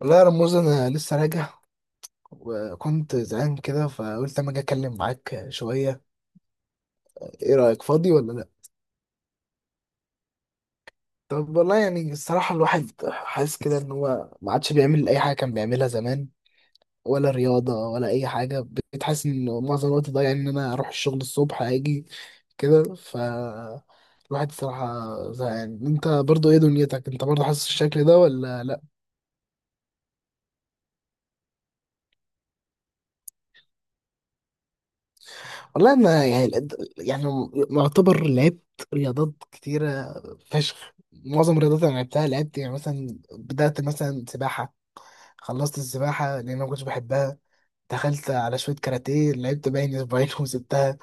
والله يا رموز انا لسه راجع وكنت زهقان كده فقلت اما اجي اتكلم معاك شويه. ايه رايك؟ فاضي ولا لا؟ طب والله يعني الصراحه الواحد حاسس كده ان هو ما عادش بيعمل اي حاجه كان بيعملها زمان، ولا رياضه ولا اي حاجه. بقيت حاسس ان معظم الوقت ضايع، ان انا اروح الشغل الصبح اجي كده. الواحد الصراحه زهقان. انت برضو ايه دنيتك؟ انت برضو حاسس الشكل ده ولا لا؟ والله انا يعني معتبر لعبت رياضات كتيره فشخ. معظم الرياضات اللي لعبتها لعبت يعني مثلا، بدأت مثلا سباحه، خلصت السباحه لان انا ما كنتش بحبها. دخلت على شويه كاراتيه، لعبت باين اسبوعين وسبتها.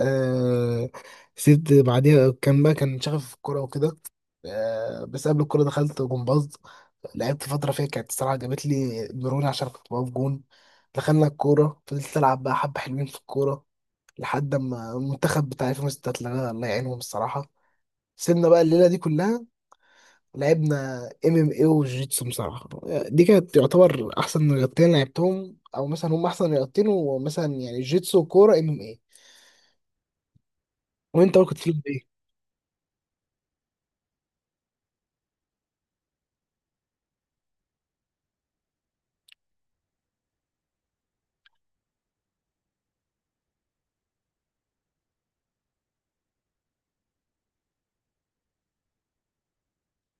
آه، سبت بعديها كان بقى كان شغف في الكوره وكده. آه بس قبل الكوره دخلت جمباز، لعبت فتره فيها كانت الصراحه جابت لي مرونه عشان كنت بقف جون. دخلنا الكوره، فضلت العب بقى حبه حلوين في الكوره لحد ما المنتخب بتاع 2006 اتلغى، الله يعينهم الصراحه. سيبنا بقى الليله دي كلها. لعبنا ام ام اي وجيتسو بصراحه. دي كانت تعتبر احسن رياضتين لعبتهم، او مثلا هم احسن رياضتين، ومثلا يعني جيتسو وكوره ام ام اي. وانت بقى كنت تلعب ايه؟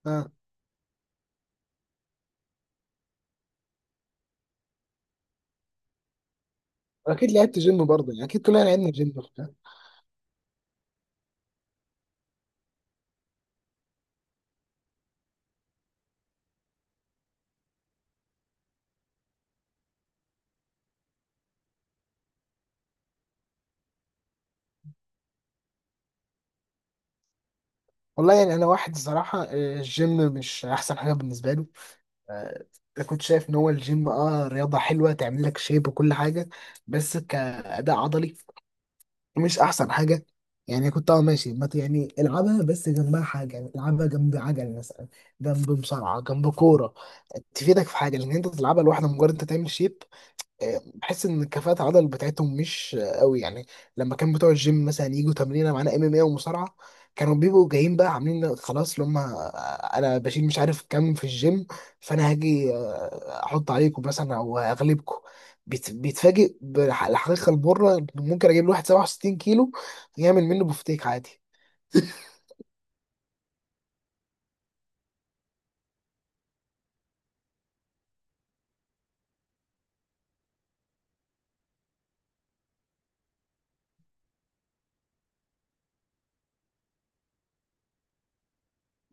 ها، اكيد لعبت جيم برضه يعني. اكيد كلنا لعبنا جيم وبتاع. والله يعني انا واحد الصراحه آه، الجيم مش احسن حاجه بالنسبه له. آه، انا كنت شايف ان هو الجيم اه رياضه حلوه تعمل لك شيب وكل حاجه، بس كاداء عضلي مش احسن حاجه. يعني كنت اه ماشي ما ت- يعني العبها بس جنبها حاجه. يعني العبها جنب عجل مثلا، جنب مصارعه، جنب كوره، تفيدك في حاجه. لان انت تلعبها لوحدها مجرد انت تعمل شيب، بحس ان كفاءة العضل بتاعتهم مش قوي يعني. لما كان بتوع الجيم مثلا يجوا تمرينه معانا ام ام اي ومصارعه، كانوا بيبقوا جايين بقى عاملين خلاص اللي هم آه، انا بشيل مش عارف كام في الجيم، فانا هاجي آه، احط عليكم مثلا او اغلبكم. بيتفاجئ بالحقيقه المره. ممكن اجيب له واحد 67 كيلو يعمل منه بفتيك عادي.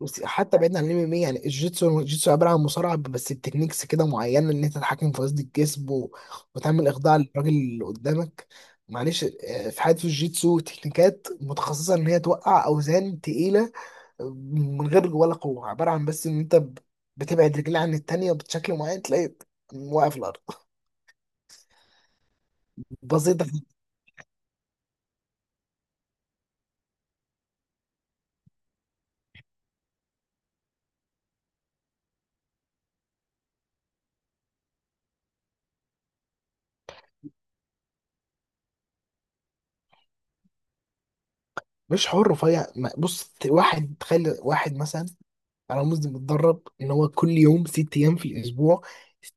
بس حتى بعيدا عن الام ام اي، يعني الجيتسو، الجيتسو عباره عن مصارعه بس بتكنيكس كده معينه، ان انت تتحكم في وزن الجسم و... وتعمل اخضاع للراجل اللي قدامك. معلش آه، في حاجات في الجيتسو تكنيكات متخصصه ان هي توقع اوزان تقيله آه، من غير ولا قوه. عباره عن بس ان انت بتبعد رجلي عن التانيه بشكل معين، تلاقي واقف الارض. بسيطه. مش حر رفيع بص، واحد تخيل واحد مثلا انا رمزي، متدرب ان هو كل يوم ست ايام في الاسبوع،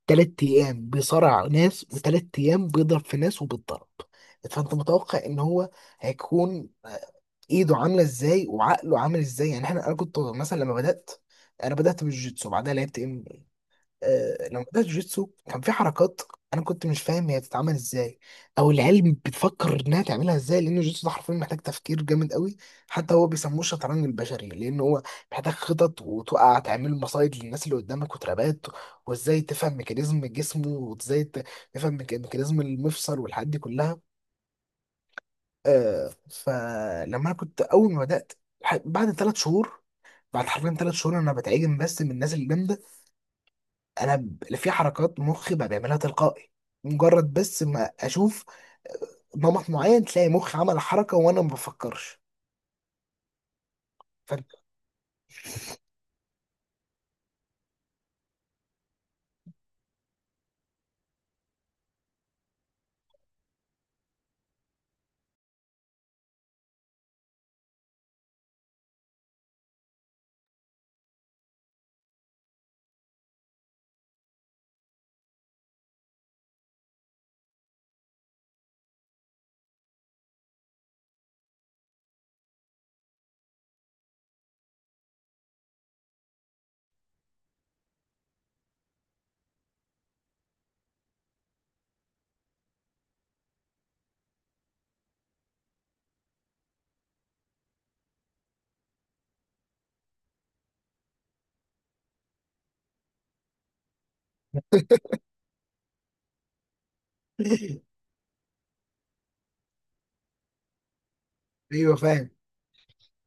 تلات ايام بيصارع ناس وتلات ايام بيضرب في ناس وبيتضرب. فانت متوقع ان هو هيكون ايده عامله ازاي وعقله عامل ازاي؟ يعني احنا انا كنت مثلا لما بدات، انا بدات بالجيتسو بعدها لعبت ام إيه. آه، لما بدأت جوجيتسو كان في حركات انا كنت مش فاهم هي بتتعمل ازاي او العيال بتفكر انها تعملها ازاي، لان الجوجيتسو ده حرفيا محتاج تفكير جامد قوي. حتى هو بيسموه الشطرنج البشري، لان هو محتاج خطط وتوقع، تعمل مصايد للناس اللي قدامك وترابات، وازاي تفهم ميكانيزم جسمه، وازاي تفهم ميكانيزم المفصل والحاجات دي كلها. آه، فلما انا كنت اول ما بدأت، بعد ثلاث شهور، بعد حرفيا ثلاث شهور انا بتعجن بس من الناس الجامده. في حركات مخي بقى بيعملها تلقائي، مجرد بس ما اشوف نمط معين تلاقي مخي عمل حركه وانا ما بفكرش. فاهم؟ ايوه فاهم.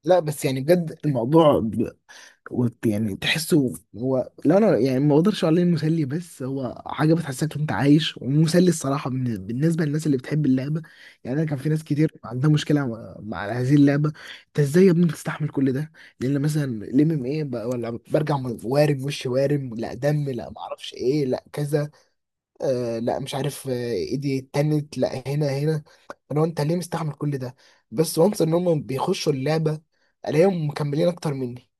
لا بس يعني بجد الموضوع يعني تحسه. هو لا انا يعني ما اقدرش اقول عليه مسلي، بس هو حاجه بتحسسك إن انت عايش، ومسلي الصراحه بالنسبه للناس اللي بتحب اللعبه. يعني انا كان في ناس كتير عندها مشكله مع مع هذه اللعبه. انت ازاي يا ابني بتستحمل كل ده؟ لان مثلا الام ام ايه، ولا برجع وارم وش، وارم، لا دم، لا ما اعرفش ايه، لا كذا. آه لا مش عارف آه ايدي اتنت، لا هنا هنا. فلو انت ليه مستحمل كل ده، بس وانس ان هم بيخشوا اللعبه، الاقيهم مكملين اكتر مني.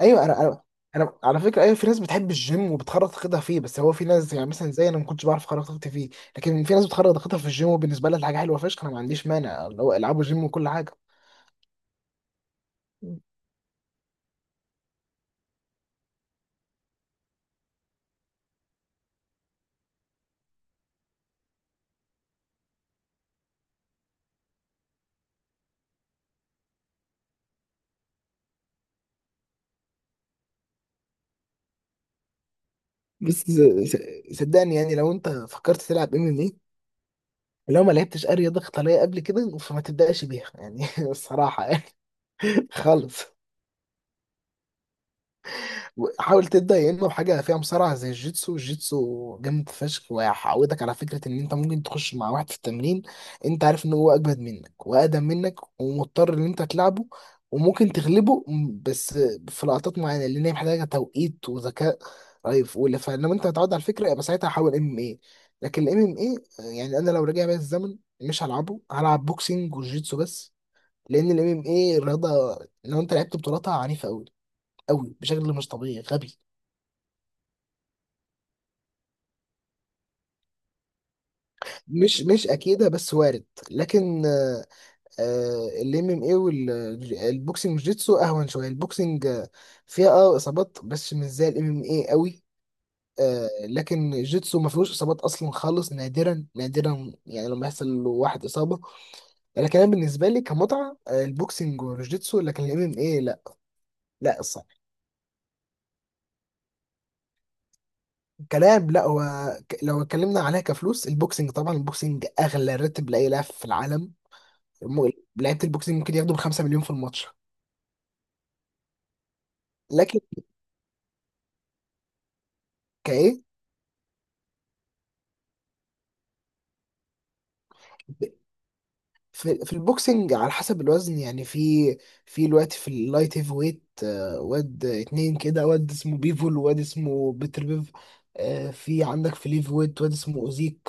ايوه، انا على فكره ايوه، في ناس بتحب الجيم وبتخرج طاقتها فيه، بس هو في ناس يعني مثلا زي انا ما كنتش بعرف اخرج طاقتي فيه. لكن في ناس بتخرج طاقتها في الجيم، وبالنسبه لها دي حاجه حلوه فشخ. انا ما عنديش مانع اللي هو العبوا جيم وكل حاجه. بس س- صدقني، يعني لو انت فكرت تلعب ام ام اي، لو ما لعبتش اي رياضه قتاليه قبل كده فما تبداش بيها يعني. الصراحه يعني خالص. حاول تبدا يا اما بحاجه فيها مصارعه زي الجيتسو. الجيتسو جامد فشخ، وهيعودك على فكره ان انت ممكن تخش مع واحد في التمرين، انت عارف ان هو اجمد منك واقدم منك، ومضطر ان انت تلعبه، وممكن تغلبه بس في لقطات معينه، لان هي محتاجه توقيت وذكاء رهيب. ولا، فلما انت هتعود على الفكره يبقى ساعتها حاول ام اي. لكن الام ام اي، يعني انا لو رجع بيا الزمن مش هلعبه، هلعب بوكسينج وجيتسو بس. لان الام ام اي رياضه لو انت لعبت بطولاتها عنيفه قوي، قوي بشكل مش طبيعي غبي. مش اكيده بس وارد. لكن آه، آه، ال ام ام اي والبوكسنج، جيتسو اهون شويه. البوكسنج آه، فيها اه اصابات بس مش زي الام ام اي قوي. آه، لكن الجيتسو ما فيهوش اصابات اصلا خالص، نادرا نادرا يعني لما يحصل له واحد اصابه. لكن انا بالنسبه لي كمتعه آه، البوكسنج والجيتسو، لكن الام ام اي لا. لا الصح كلام. لا هو لو اتكلمنا عليها كفلوس، البوكسنج طبعا، البوكسنج اغلى راتب لاي لاعب في العالم. لعيبه البوكسنج ممكن ياخدوا بـ5 مليون في الماتش. لكن كايه، في البوكسنج على حسب الوزن، يعني في الوقت في اللايت هيف ويت آه، واد اتنين كده، واد اسمه بيفول وواد اسمه بيتر بيف. آه، في عندك في ليف ويت واد اسمه اوزيك.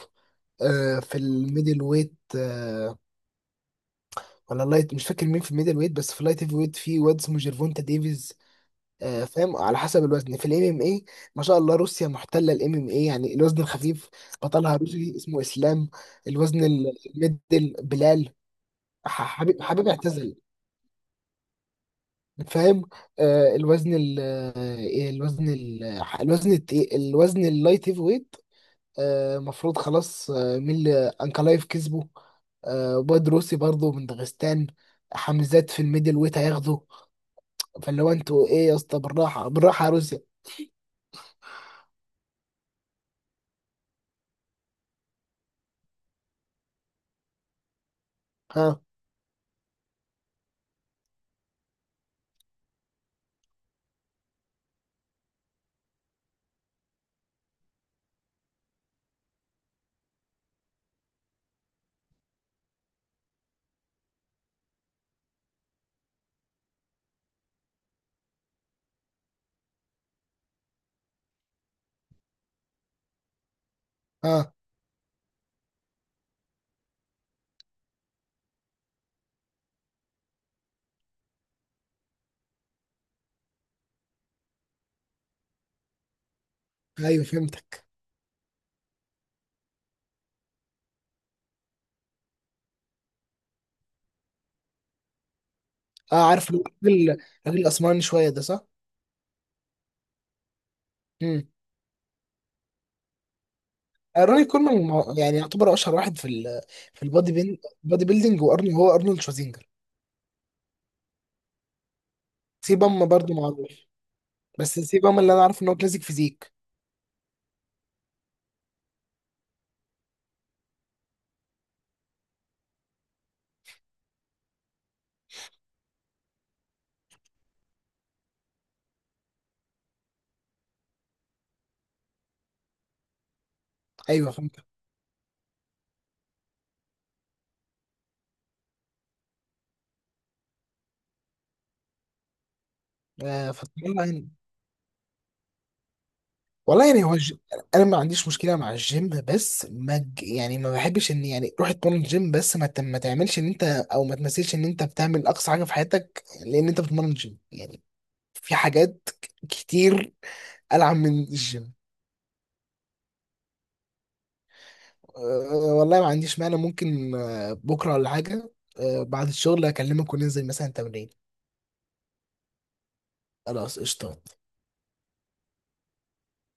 آه، في الميدل ويت آه، ولا اللايت مش فاكر مين في الميدل ويت، بس في اللايت هيف ويت في واد اسمه جيرفونتا ديفيز. آه، فاهم؟ على حسب الوزن. في الام ام اي ما شاء الله روسيا محتله الام ام اي. يعني الوزن الخفيف بطلها روسي اسمه اسلام، الوزن الميدل بلال، حبيب، حبيب اعتزل. فاهم؟ آه، الوزن ال آه، الوزن ال الوزن التقيل، الوزن اللايت هيفي ويت آه مفروض خلاص آه مين اللي انكلايف كسبه، آه بودروسي برضه من داغستان. حمزات في الميدل ويت هياخده. فاللي هو انتوا ايه يا اسطى؟ بالراحه بالراحه يا روسيا. ها، ها، ايوه فهمتك. اه، عارف الراجل. الراجل الاسمراني شويه ده صح؟ امم، راي كولمان يعني يعتبر اشهر واحد في ال في البادي بادي بيلدينج، وارنولد، هو ارنولد شوازينجر. سيب اما برضه معروف، بس سيب اما اللي انا عارف ان هو كلاسيك فيزيك. ايوه فهمت. آه فطلع يعني. والله يعني هو الج... انا ما عنديش مشكله مع الجيم، بس ما ج- يعني ما بحبش ان يعني روح اتمرن الجيم بس ما، ما تعملش ان انت او ما تمثلش ان انت بتعمل اقصى حاجه في حياتك لان انت بتتمرن جيم يعني. في حاجات كتير العب من الجيم. أه، والله ما عنديش مانع، ممكن آه، بكره ولا حاجه. أه بعد الشغل اكلمك وننزل مثلا تمرين. خلاص قشطه.